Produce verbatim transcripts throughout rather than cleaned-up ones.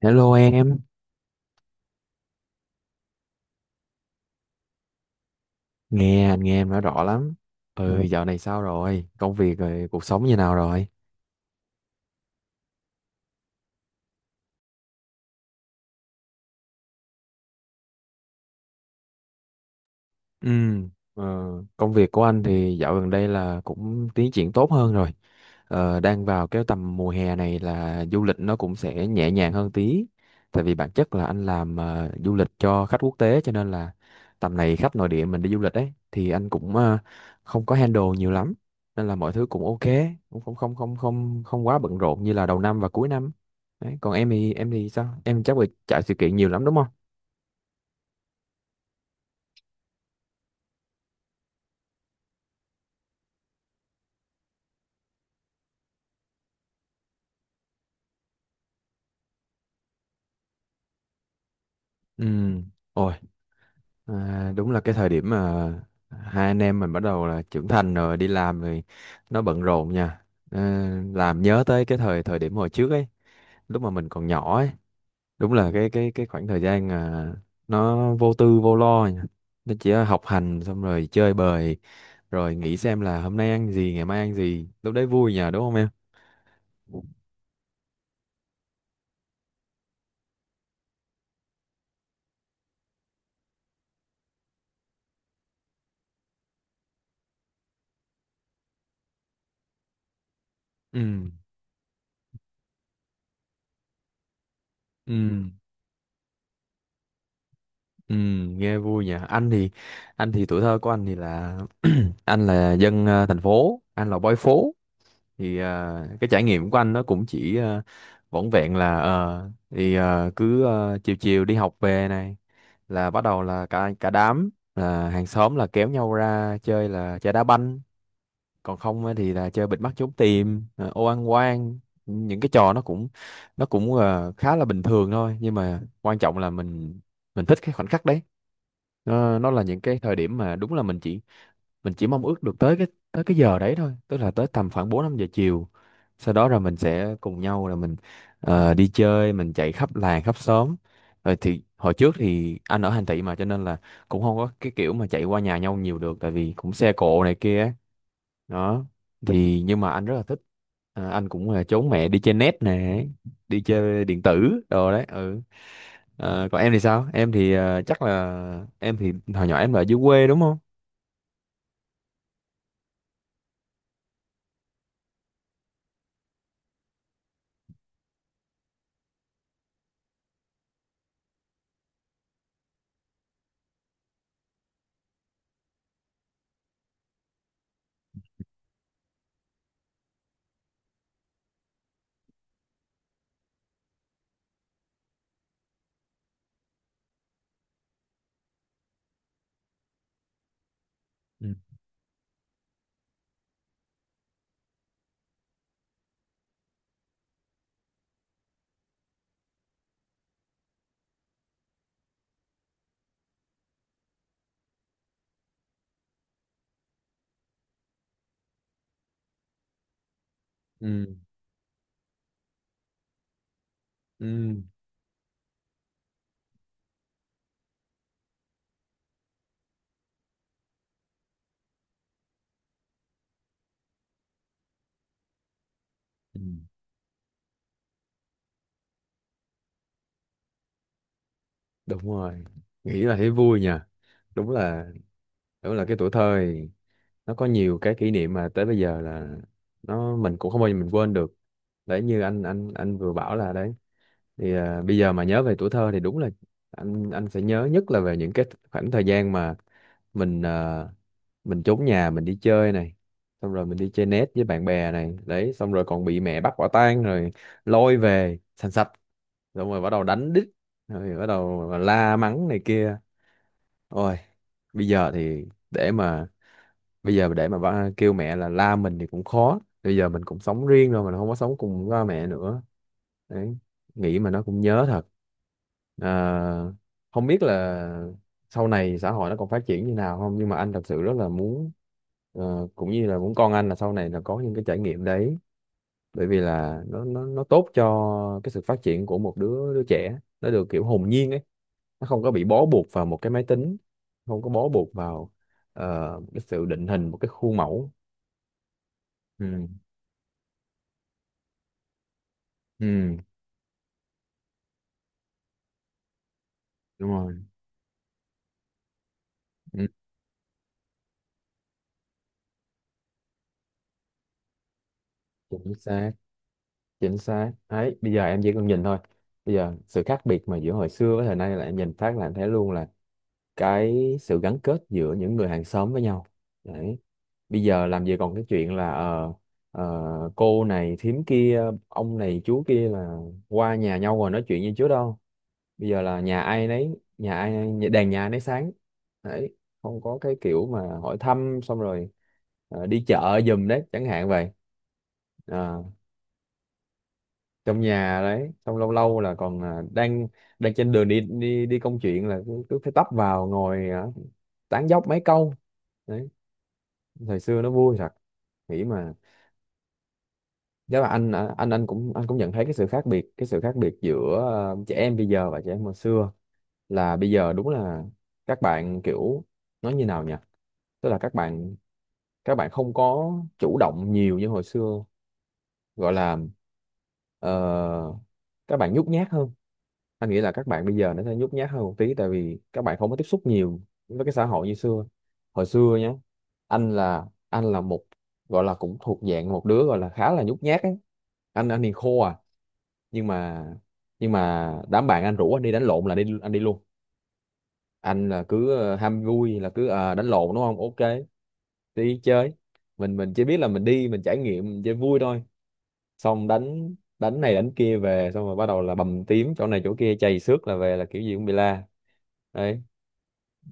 Hello em, nghe anh nghe em nói rõ lắm. Ừ. Ừ, dạo này sao rồi? Công việc rồi, cuộc sống như nào rồi? Ừ, ờ, Công việc của anh thì dạo gần đây là cũng tiến triển tốt hơn rồi. Ờ, đang vào cái tầm mùa hè này là du lịch nó cũng sẽ nhẹ nhàng hơn tí. Tại vì bản chất là anh làm ờ, du lịch cho khách quốc tế cho nên là tầm này khách nội địa mình đi du lịch ấy thì anh cũng ờ, không có handle nhiều lắm. Nên là mọi thứ cũng ok, cũng không không không không không quá bận rộn như là đầu năm và cuối năm. Đấy, còn em thì em thì sao? Em chắc là chạy sự kiện nhiều lắm đúng không? Ừ. Ôi, À, đúng là cái thời điểm mà hai anh em mình bắt đầu là trưởng thành rồi đi làm rồi nó bận rộn nha, à, làm nhớ tới cái thời thời điểm hồi trước ấy, lúc mà mình còn nhỏ ấy. Đúng là cái cái cái khoảng thời gian à, nó vô tư vô lo nha. Nó chỉ học hành xong rồi chơi bời rồi nghĩ xem là hôm nay ăn gì ngày mai ăn gì, lúc đấy vui nha đúng không em? Ừ ừ ừ Nghe vui nhỉ. Anh thì anh thì tuổi thơ của anh thì là anh là dân à, thành phố, anh là boy phố. Thì ờ, cái trải nghiệm của anh nó cũng chỉ ờ, vỏn vẹn là ờ, thì ờ, cứ ờ, chiều chiều đi học về này là bắt đầu là cả cả đám, là hàng xóm là kéo nhau ra chơi, là chơi đá banh. Còn không á thì là chơi bịt mắt trốn tìm, ờ, ô ăn quan. Những cái trò nó cũng nó cũng ờ, khá là bình thường thôi, nhưng mà quan trọng là mình mình thích cái khoảnh khắc đấy. Nó nó là những cái thời điểm mà đúng là mình chỉ mình chỉ mong ước được tới cái tới cái giờ đấy thôi, tức là tới tầm khoảng bốn năm giờ chiều, sau đó rồi mình sẽ cùng nhau là mình ờ, đi chơi, mình chạy khắp làng khắp xóm. Rồi thì hồi trước thì anh ở thành thị mà cho nên là cũng không có cái kiểu mà chạy qua nhà nhau nhiều được, tại vì cũng xe cộ này kia á. Đó, thì nhưng mà anh rất là thích. Ờ, anh cũng là trốn mẹ đi chơi net nè, đi chơi điện tử đồ đấy, ừ. Ờ, còn em thì sao? Em thì ờ, chắc là em thì hồi nhỏ em là ở dưới quê đúng không? Ừ. Ừ. Ừ, ừ, Đúng rồi, nghĩ là thấy vui nha. đúng là Đúng là cái tuổi thơ thì nó có nhiều cái kỷ niệm mà tới bây giờ là nó mình cũng không bao giờ mình quên được. Đấy, như anh anh anh vừa bảo là đấy, thì à, bây giờ mà nhớ về tuổi thơ thì đúng là anh anh sẽ nhớ nhất là về những cái khoảng thời gian mà mình à, mình trốn nhà mình đi chơi này, xong rồi mình đi chơi net với bạn bè này. Đấy, xong rồi còn bị mẹ bắt quả tang rồi lôi về sành sạch, xong rồi bắt đầu đánh đít rồi bắt đầu la mắng này kia. Ôi, bây giờ thì để mà bây giờ để mà ba- kêu mẹ là la mình thì cũng khó, bây giờ mình cũng sống riêng rồi, mình không có sống cùng ba mẹ nữa. Đấy, nghĩ mà nó cũng nhớ thật. à, Không biết là sau này xã hội nó còn phát triển như nào không, nhưng mà anh thật sự rất là muốn, ờ, cũng như là muốn con anh là sau này là có những cái trải nghiệm đấy, bởi vì là nó nó nó tốt cho cái sự phát triển của một đứa đứa trẻ, nó được kiểu hồn nhiên ấy, nó không có bị bó buộc vào một cái máy tính, không có bó buộc vào ờ, cái sự định hình một cái khuôn mẫu. ừ ừ Đúng rồi. Ừ. Chính xác, chính xác đấy. Bây giờ em chỉ cần nhìn thôi, bây giờ sự khác biệt mà giữa hồi xưa với thời nay là em nhìn phát là em thấy luôn là cái sự gắn kết giữa những người hàng xóm với nhau. Đấy, bây giờ làm gì còn cái chuyện là ờ, ờ, cô này thím kia ông này chú kia là qua nhà nhau rồi nói chuyện như trước đâu. Bây giờ là nhà ai nấy, nhà ai nhà- đèn nhà nấy sáng. Đấy, không có cái kiểu mà hỏi thăm xong rồi ờ, đi chợ giùm đấy chẳng hạn vậy. Ờ, trong nhà đấy. Xong lâu lâu là còn à, đang đang trên đường đi đi đi công chuyện là cứ, cứ phải tấp vào ngồi à, tán dóc mấy câu. Đấy, thời xưa nó vui thật, nghĩ mà. Chắc là anh à, anh anh cũng anh cũng nhận thấy cái sự khác biệt, cái sự khác biệt giữa à, trẻ em bây giờ và trẻ em hồi xưa. Là bây giờ đúng là các bạn kiểu, nói như nào nhỉ, tức là các bạn các bạn không có chủ động nhiều như hồi xưa. Gọi là ờ, các bạn nhút nhát hơn. Anh nghĩ là các bạn bây giờ nó sẽ nhút nhát hơn một tí, tại vì các bạn không có tiếp xúc nhiều với cái xã hội như xưa. Hồi xưa nhé, anh là anh là một, gọi là cũng thuộc dạng một đứa gọi là khá là nhút nhát ấy. Anh anh thì khô à Nhưng mà nhưng mà đám bạn anh rủ anh đi đánh lộn là đi, anh đi luôn. Anh là cứ ờ, ham vui, là cứ à, đánh lộn đúng không, ok, đi chơi. Mình mình chỉ biết là mình đi, mình trải nghiệm, mình chơi vui thôi. Xong đánh đánh này đánh kia về, xong rồi bắt đầu là bầm tím chỗ này chỗ kia, chày xước, là về là kiểu gì cũng bị la. Đấy,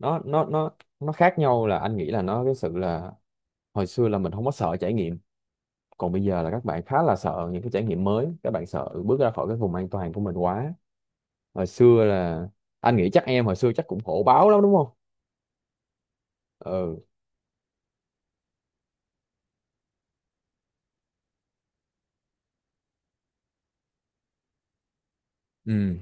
nó nó nó nó khác nhau là anh nghĩ là nó cái sự là hồi xưa là mình không có sợ trải nghiệm, còn bây giờ là các bạn khá là sợ những cái trải nghiệm mới, các bạn sợ bước ra khỏi cái vùng an toàn của mình quá. Hồi xưa là, anh nghĩ chắc em hồi xưa chắc cũng khổ báo lắm đúng không? Ừ. Ừ,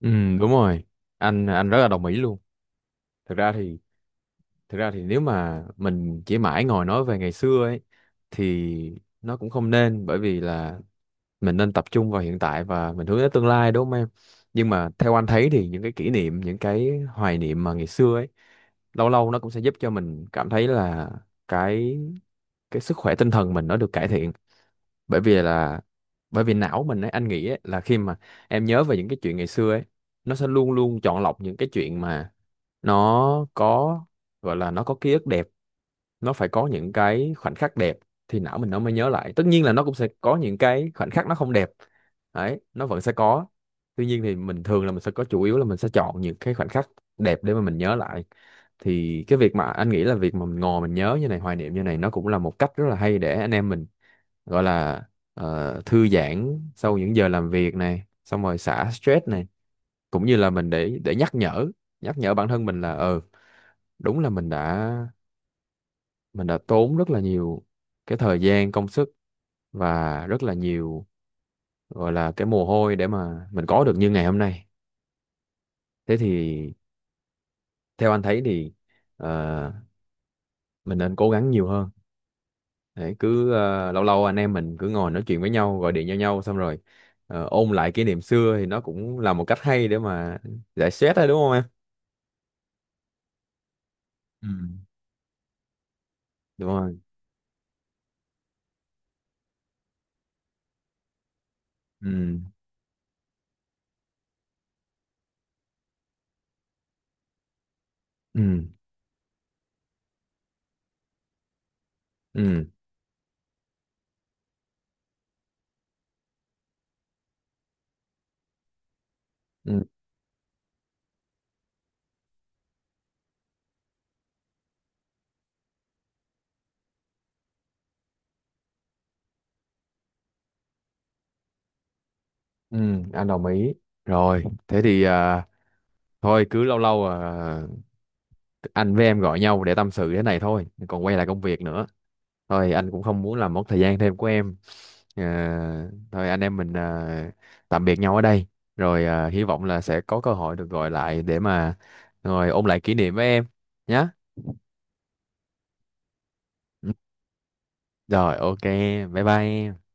ừ, Đúng rồi. Anh anh rất là đồng ý luôn. Thực ra thì Thực ra thì nếu mà mình chỉ mãi ngồi nói về ngày xưa ấy thì nó cũng không nên, bởi vì là mình nên tập trung vào hiện tại và mình hướng đến tương lai đúng không em? Nhưng mà theo anh thấy thì những cái kỷ niệm, những cái hoài niệm mà ngày xưa ấy, lâu lâu nó cũng sẽ giúp cho mình cảm thấy là cái cái sức khỏe tinh thần mình nó được cải thiện. Bởi vì là, bởi vì não mình ấy, anh nghĩ ấy, là khi mà em nhớ về những cái chuyện ngày xưa ấy, nó sẽ luôn luôn chọn lọc những cái chuyện mà nó có, gọi là nó có ký ức đẹp, nó phải có những cái khoảnh khắc đẹp thì não mình nó mới nhớ lại. Tất nhiên là nó cũng sẽ có những cái khoảnh khắc nó không đẹp, đấy nó vẫn sẽ có, tuy nhiên thì mình thường là mình sẽ có chủ yếu là mình sẽ chọn những cái khoảnh khắc đẹp để mà mình nhớ lại. Thì cái việc mà anh nghĩ là việc mà mình ngồi mình nhớ như này, hoài niệm như này, nó cũng là một cách rất là hay để anh em mình gọi là ờ, thư giãn sau những giờ làm việc này, xong rồi xả stress này, cũng như là mình để để nhắc nhở nhắc nhở bản thân mình là ờ, đúng là mình đã mình đã tốn rất là nhiều cái thời gian công sức và rất là nhiều, gọi là cái mồ hôi, để mà mình có được như ngày hôm nay. Thế thì theo anh thấy thì ờ, mình nên cố gắng nhiều hơn để cứ ờ, lâu lâu anh em mình cứ ngồi nói chuyện với nhau, gọi điện cho nhau xong rồi ờ, ôn lại kỷ niệm xưa thì nó cũng là một cách hay để mà giải stress đấy đúng không em? Ừ. Đúng rồi. ừ ừ ừ ừ ừ, anh đồng ý. Rồi thế thì à, thôi cứ lâu lâu à, anh với em gọi nhau để tâm sự thế này thôi, còn quay lại công việc nữa. Thôi anh cũng không muốn làm mất thời gian thêm của em. Ờ, thôi anh em mình ờ, tạm biệt nhau ở đây. Rồi ờ, hy vọng là sẽ có cơ hội được gọi lại để mà rồi ôn lại kỷ niệm với em nhé. Rồi, ok, bye bye em.